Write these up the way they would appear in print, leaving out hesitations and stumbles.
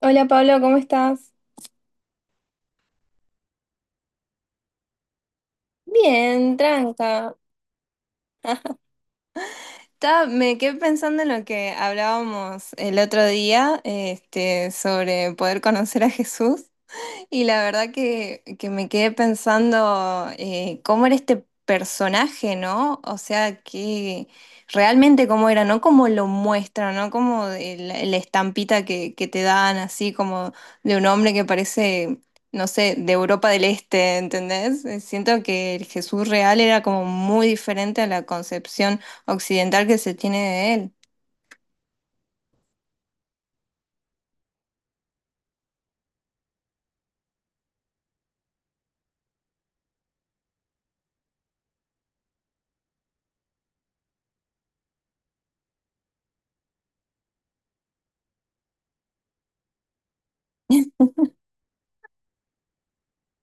Hola Pablo, ¿cómo estás? Bien, tranca. Me quedé pensando en lo que hablábamos el otro día, este, sobre poder conocer a Jesús. Y la verdad que me quedé pensando cómo era este personaje, ¿no? O sea, que realmente cómo era, no como lo muestran, ¿no? Como la estampita que te dan, así como de un hombre que parece, no sé, de Europa del Este, ¿entendés? Siento que el Jesús real era como muy diferente a la concepción occidental que se tiene de él.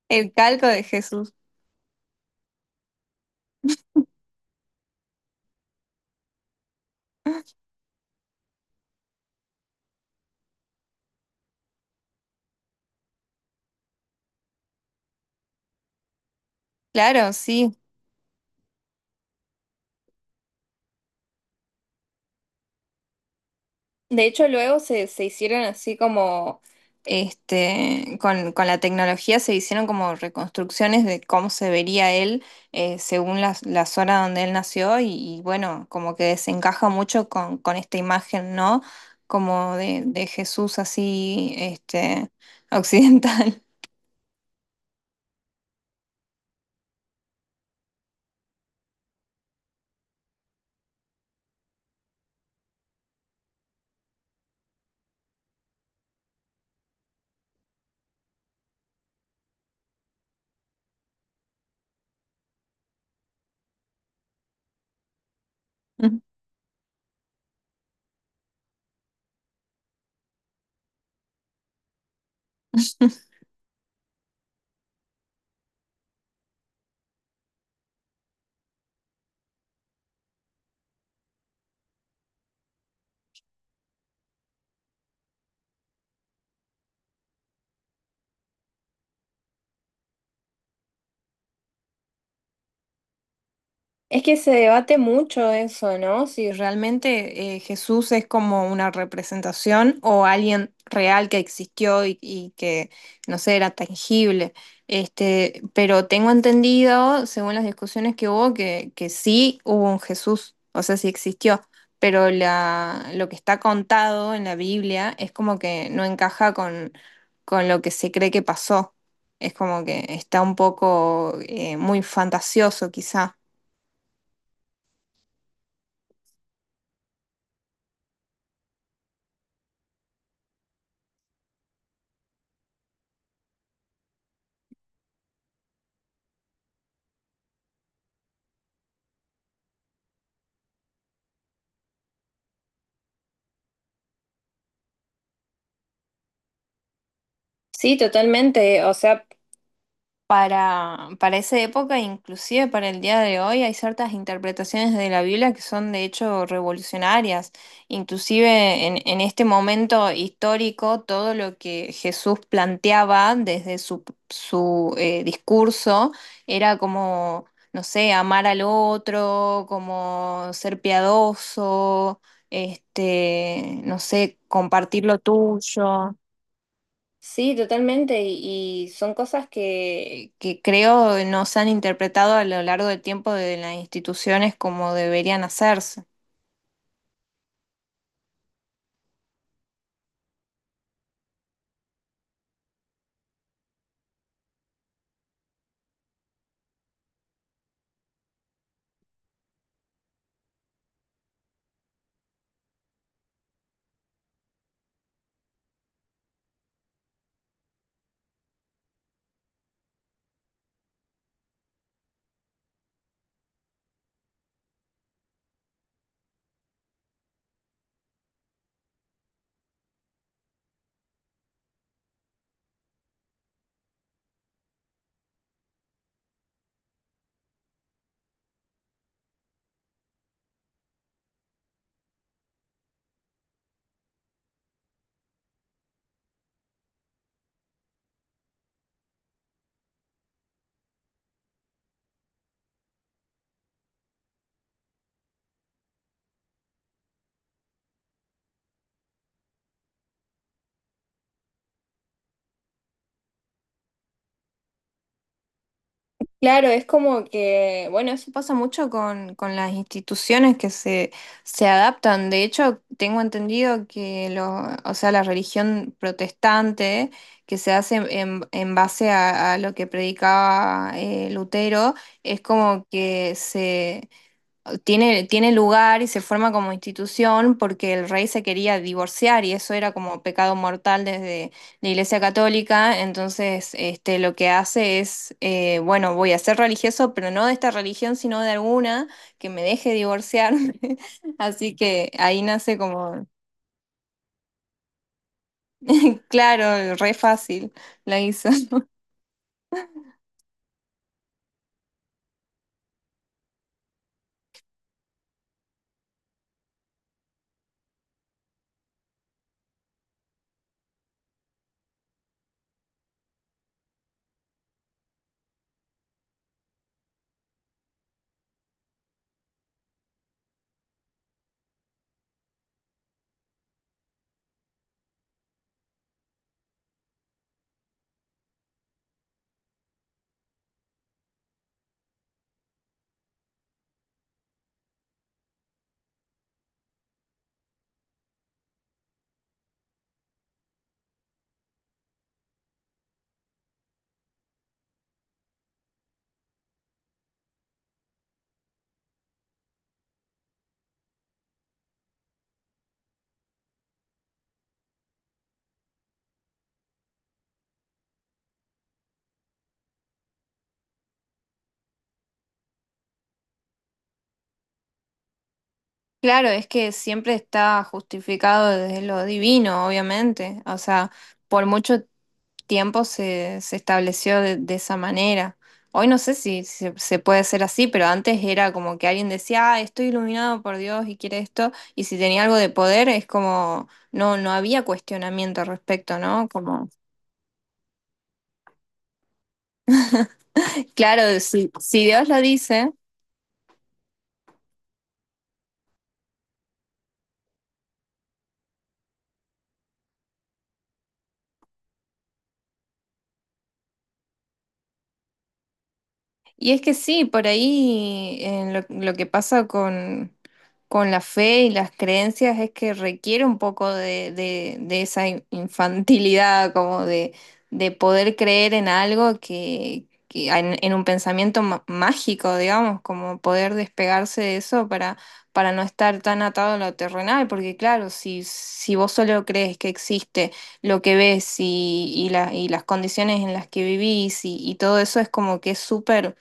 El calco de Jesús. Claro, sí. De hecho, luego se hicieron así como, este, con la tecnología se hicieron como reconstrucciones de cómo se vería él según la zona donde él nació y bueno, como que desencaja mucho con esta imagen, ¿no? Como de Jesús así, este, occidental. Es que se debate mucho eso, ¿no? Si realmente Jesús es como una representación o alguien real que existió y que, no sé, era tangible. Este, pero tengo entendido, según las discusiones que hubo, que sí hubo un Jesús, o sea, sí existió. Pero lo que está contado en la Biblia es como que no encaja con lo que se cree que pasó. Es como que está un poco muy fantasioso, quizá. Sí, totalmente. O sea, para esa época, inclusive para el día de hoy, hay ciertas interpretaciones de la Biblia que son de hecho revolucionarias. Inclusive en este momento histórico, todo lo que Jesús planteaba desde su, su discurso era como, no sé, amar al otro, como ser piadoso, este, no sé, compartir lo tuyo. Sí, totalmente. Y son cosas que creo no se han interpretado a lo largo del tiempo de las instituciones como deberían hacerse. Claro, es como que, bueno, eso pasa mucho con las instituciones se adaptan. De hecho, tengo entendido que lo, o sea, la religión protestante que se hace en base a lo que predicaba Lutero, es como que tiene lugar y se forma como institución porque el rey se quería divorciar y eso era como pecado mortal desde la Iglesia Católica. Entonces, este, lo que hace es, bueno, voy a ser religioso, pero no de esta religión, sino de alguna que me deje divorciarme. Así que ahí nace como, claro, re fácil la hizo. Claro, es que siempre está justificado desde lo divino, obviamente. O sea, por mucho tiempo se estableció de esa manera. Hoy no sé si se puede hacer así, pero antes era como que alguien decía, ah, estoy iluminado por Dios y quiere esto, y si tenía algo de poder, es como, no, no había cuestionamiento al respecto, ¿no? Como, claro, si Dios lo dice. Y es que sí, por ahí en lo que pasa con la fe y las creencias es que requiere un poco de, de esa infantilidad, como de poder creer en algo que en un pensamiento mágico, digamos, como poder despegarse de eso para no estar tan atado a lo terrenal, porque claro, si vos solo crees que existe lo que ves y, y las condiciones en las que vivís y todo eso es como que es súper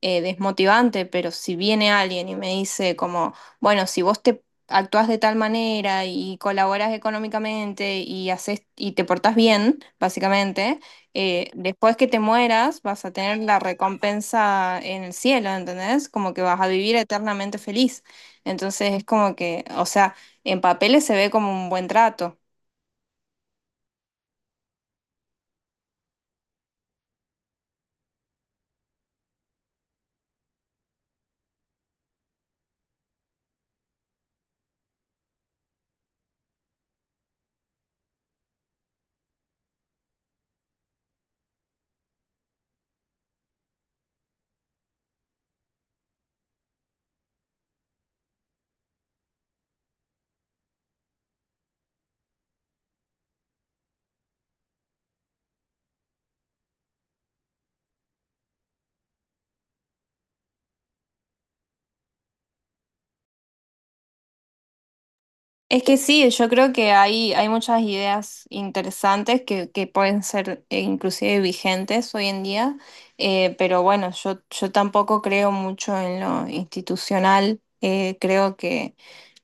desmotivante, pero si viene alguien y me dice como, bueno, si vos te actúas de tal manera y colaboras económicamente y haces y te portás bien, básicamente, después que te mueras vas a tener la recompensa en el cielo, ¿entendés? Como que vas a vivir eternamente feliz. Entonces es como que, o sea, en papeles se ve como un buen trato. Es que sí, yo creo que hay muchas ideas interesantes que pueden ser inclusive vigentes hoy en día, pero bueno, yo tampoco creo mucho en lo institucional, creo que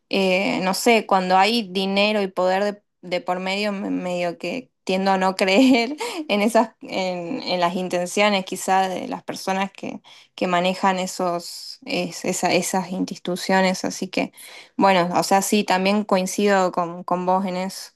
no sé, cuando hay dinero y poder de por medio, medio que tiendo a no creer en esas, en las intenciones quizá de las personas que manejan esos, esas instituciones. Así que, bueno, o sea, sí, también coincido con vos en eso.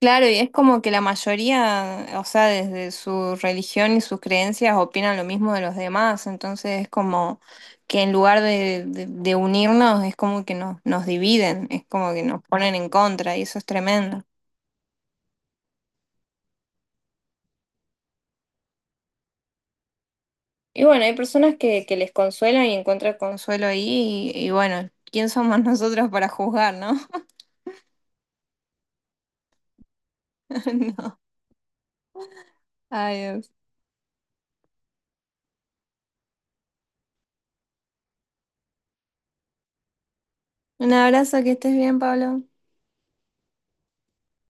Claro, y es como que la mayoría, o sea, desde su religión y sus creencias opinan lo mismo de los demás, entonces es como que en lugar de, de unirnos es como que nos dividen, es como que nos ponen en contra y eso es tremendo. Y bueno, hay personas que les consuelan y encuentran consuelo ahí y bueno, ¿quién somos nosotros para juzgar, no? No. Adiós. Un abrazo, que estés bien, Pablo.